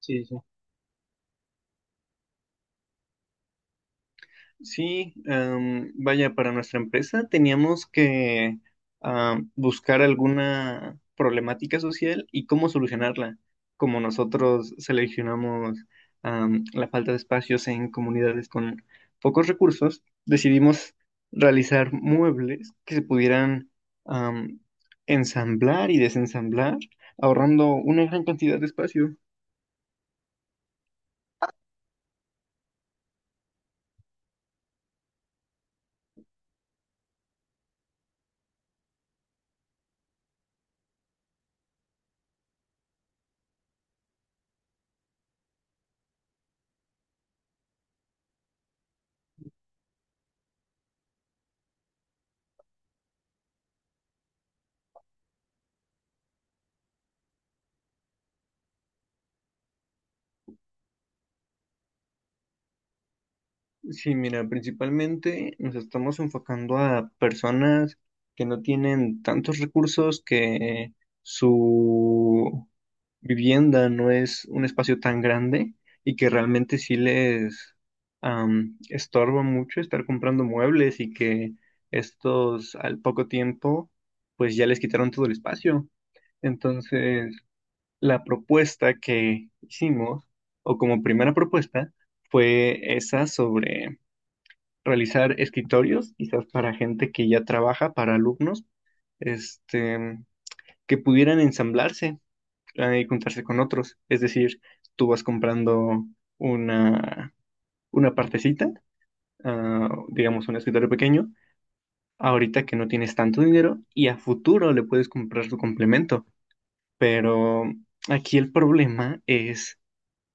Sí, sí. Sí, vaya, para nuestra empresa teníamos que buscar alguna problemática social y cómo solucionarla, como nosotros seleccionamos la falta de espacios en comunidades con pocos recursos, decidimos realizar muebles que se pudieran am, ensamblar y desensamblar, ahorrando una gran cantidad de espacio. Sí, mira, principalmente nos estamos enfocando a personas que no tienen tantos recursos, que su vivienda no es un espacio tan grande y que realmente sí les estorba mucho estar comprando muebles y que estos al poco tiempo pues ya les quitaron todo el espacio. Entonces, la propuesta que hicimos, o como primera propuesta, fue esa sobre realizar escritorios, quizás para gente que ya trabaja, para alumnos, este, que pudieran ensamblarse y juntarse con otros. Es decir, tú vas comprando una, una partecita, ah, digamos un escritorio pequeño, ahorita que no tienes tanto dinero y a futuro le puedes comprar su complemento. Pero aquí el problema es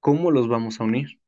cómo los vamos a unir.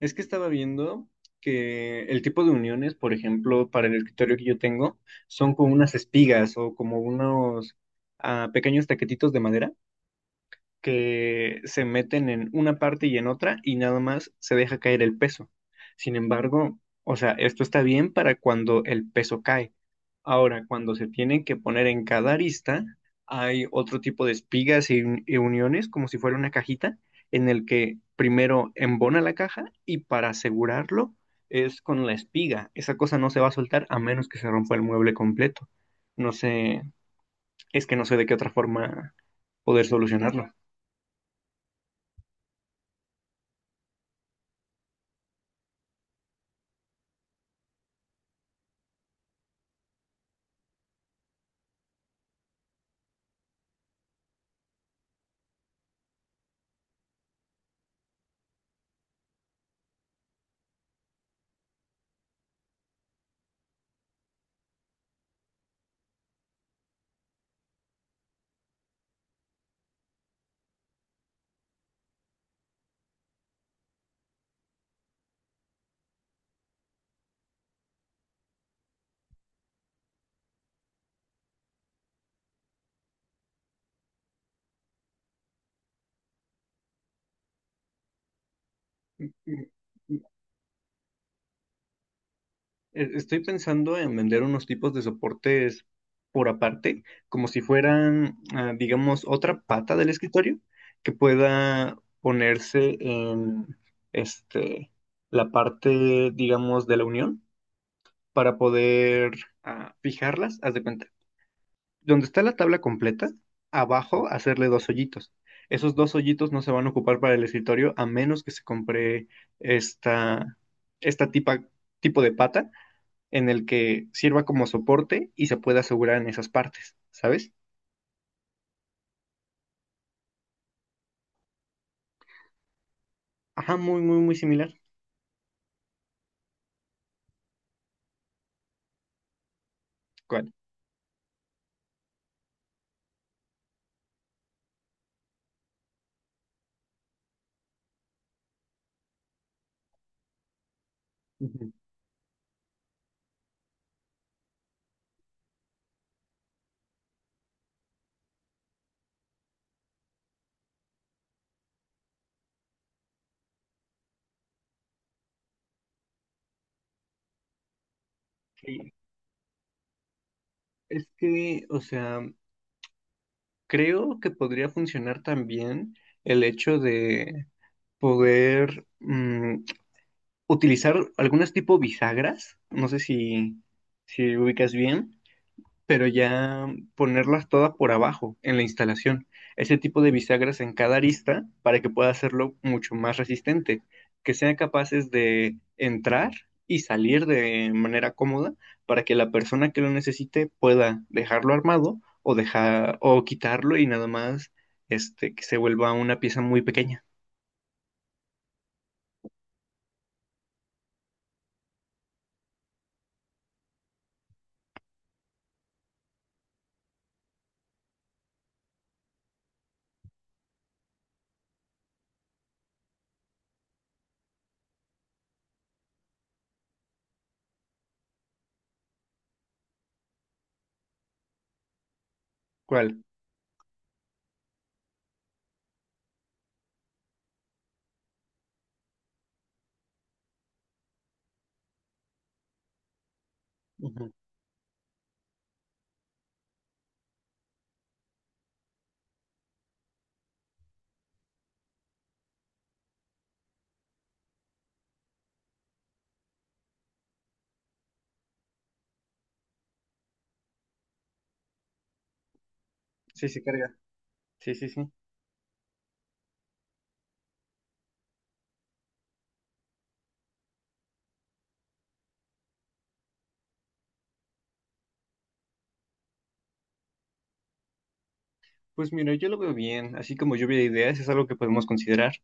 Es que estaba viendo que el tipo de uniones, por ejemplo, para el escritorio que yo tengo, son como unas espigas o como unos ah, pequeños taquetitos de madera que se meten en una parte y en otra y nada más se deja caer el peso. Sin embargo, o sea, esto está bien para cuando el peso cae. Ahora, cuando se tienen que poner en cada arista, hay otro tipo de espigas y uniones, como si fuera una cajita, en el que primero embona la caja y para asegurarlo es con la espiga. Esa cosa no se va a soltar a menos que se rompa el mueble completo. No sé, es que no sé de qué otra forma poder solucionarlo. Mm, mm, Estoy pensando en vender unos tipos de soportes por aparte, como si fueran, ah, digamos, otra pata del escritorio que pueda ponerse en este, la parte, digamos, de la unión para poder ah, fijarlas, haz de cuenta. Donde está la tabla completa, abajo hacerle dos hoyitos. Esos dos hoyitos no se van a ocupar para el escritorio a menos que se compre esta, esta tipa, tipo de pata en el que sirva como soporte y se pueda asegurar en esas partes, ¿sabes? Ajá, muy, muy, muy similar. ¿Cuál? Ujú. Sí, es que, o sea, creo que podría funcionar también el hecho de poder utilizar algunas tipo bisagras, no sé si, si ubicas bien, pero ya ponerlas todas por abajo en la instalación. Ese tipo de bisagras en cada arista para que pueda hacerlo mucho más resistente, que sean capaces de entrar y salir de manera cómoda para que la persona que lo necesite pueda dejarlo armado o dejar o quitarlo y nada más este que se vuelva una pieza muy pequeña. ¿Cuál? Ujú. Sí, sí, carga. Sí, sí, sí. Pues mira, yo lo veo bien, así como lluvia de ideas es algo que podemos considerar.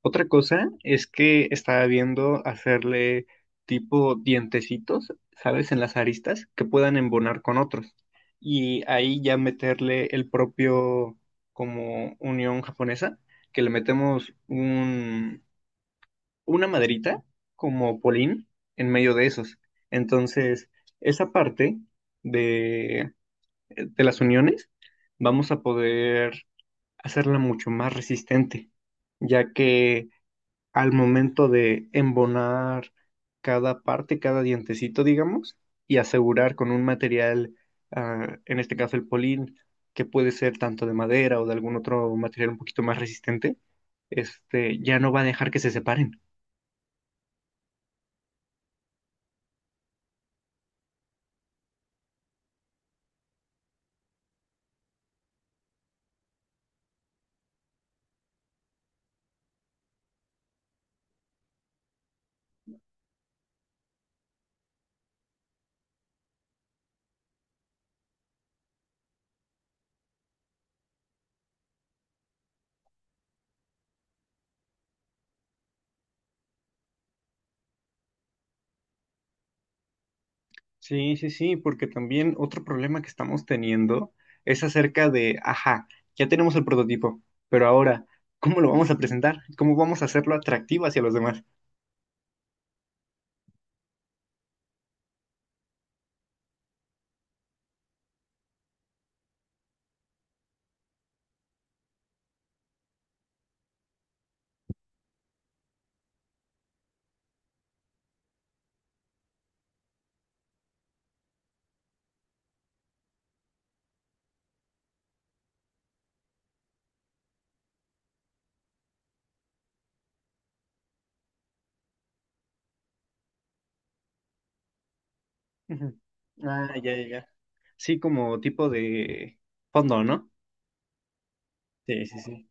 Otra cosa es que estaba viendo hacerle tipo dientecitos, ¿sabes? En las aristas que puedan embonar con otros. Y ahí ya meterle el propio como unión japonesa, que le metemos una maderita como polín en medio de esos. Entonces, esa parte de, de las uniones vamos a poder hacerla mucho más resistente, ya que al momento de embonar cada parte, cada dientecito, digamos, y asegurar con un material, ah, en este caso el polín, que puede ser tanto de madera o de algún otro material un poquito más resistente, este, ya no va a dejar que se separen. Sí, sí, sí, porque también otro problema que estamos teniendo es acerca de, ajá, ya tenemos el prototipo, pero ahora, ¿cómo lo vamos a presentar? ¿Cómo vamos a hacerlo atractivo hacia los demás? Ujú. Ah, ya, ya, ya. Sí, como tipo de fondo, ¿no? Sí, sí, sí.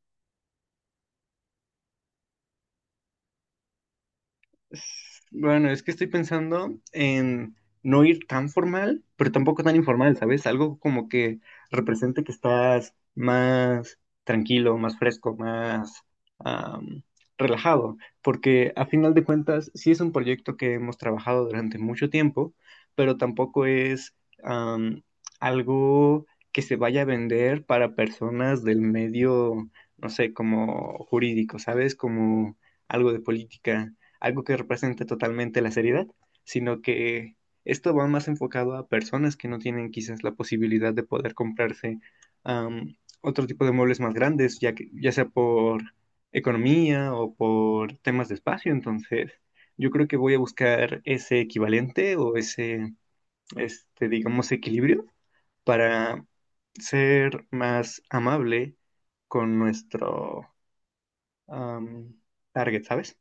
Bueno, es que estoy pensando en no ir tan formal, pero tampoco tan informal, ¿sabes? Algo como que represente que estás más tranquilo, más fresco, más am, relajado, porque a final de cuentas sí es un proyecto que hemos trabajado durante mucho tiempo, pero tampoco es am, algo que se vaya a vender para personas del medio, no sé, como jurídico, ¿sabes? Como algo de política algo que represente totalmente la seriedad, sino que esto va más enfocado a personas que no tienen quizás la posibilidad de poder comprarse otro tipo de muebles más grandes, ya, que, ya sea por economía o por temas de espacio. Entonces, yo creo que voy a buscar ese equivalente o ese, este, digamos, equilibrio para ser más amable con nuestro um, target, ¿sabes?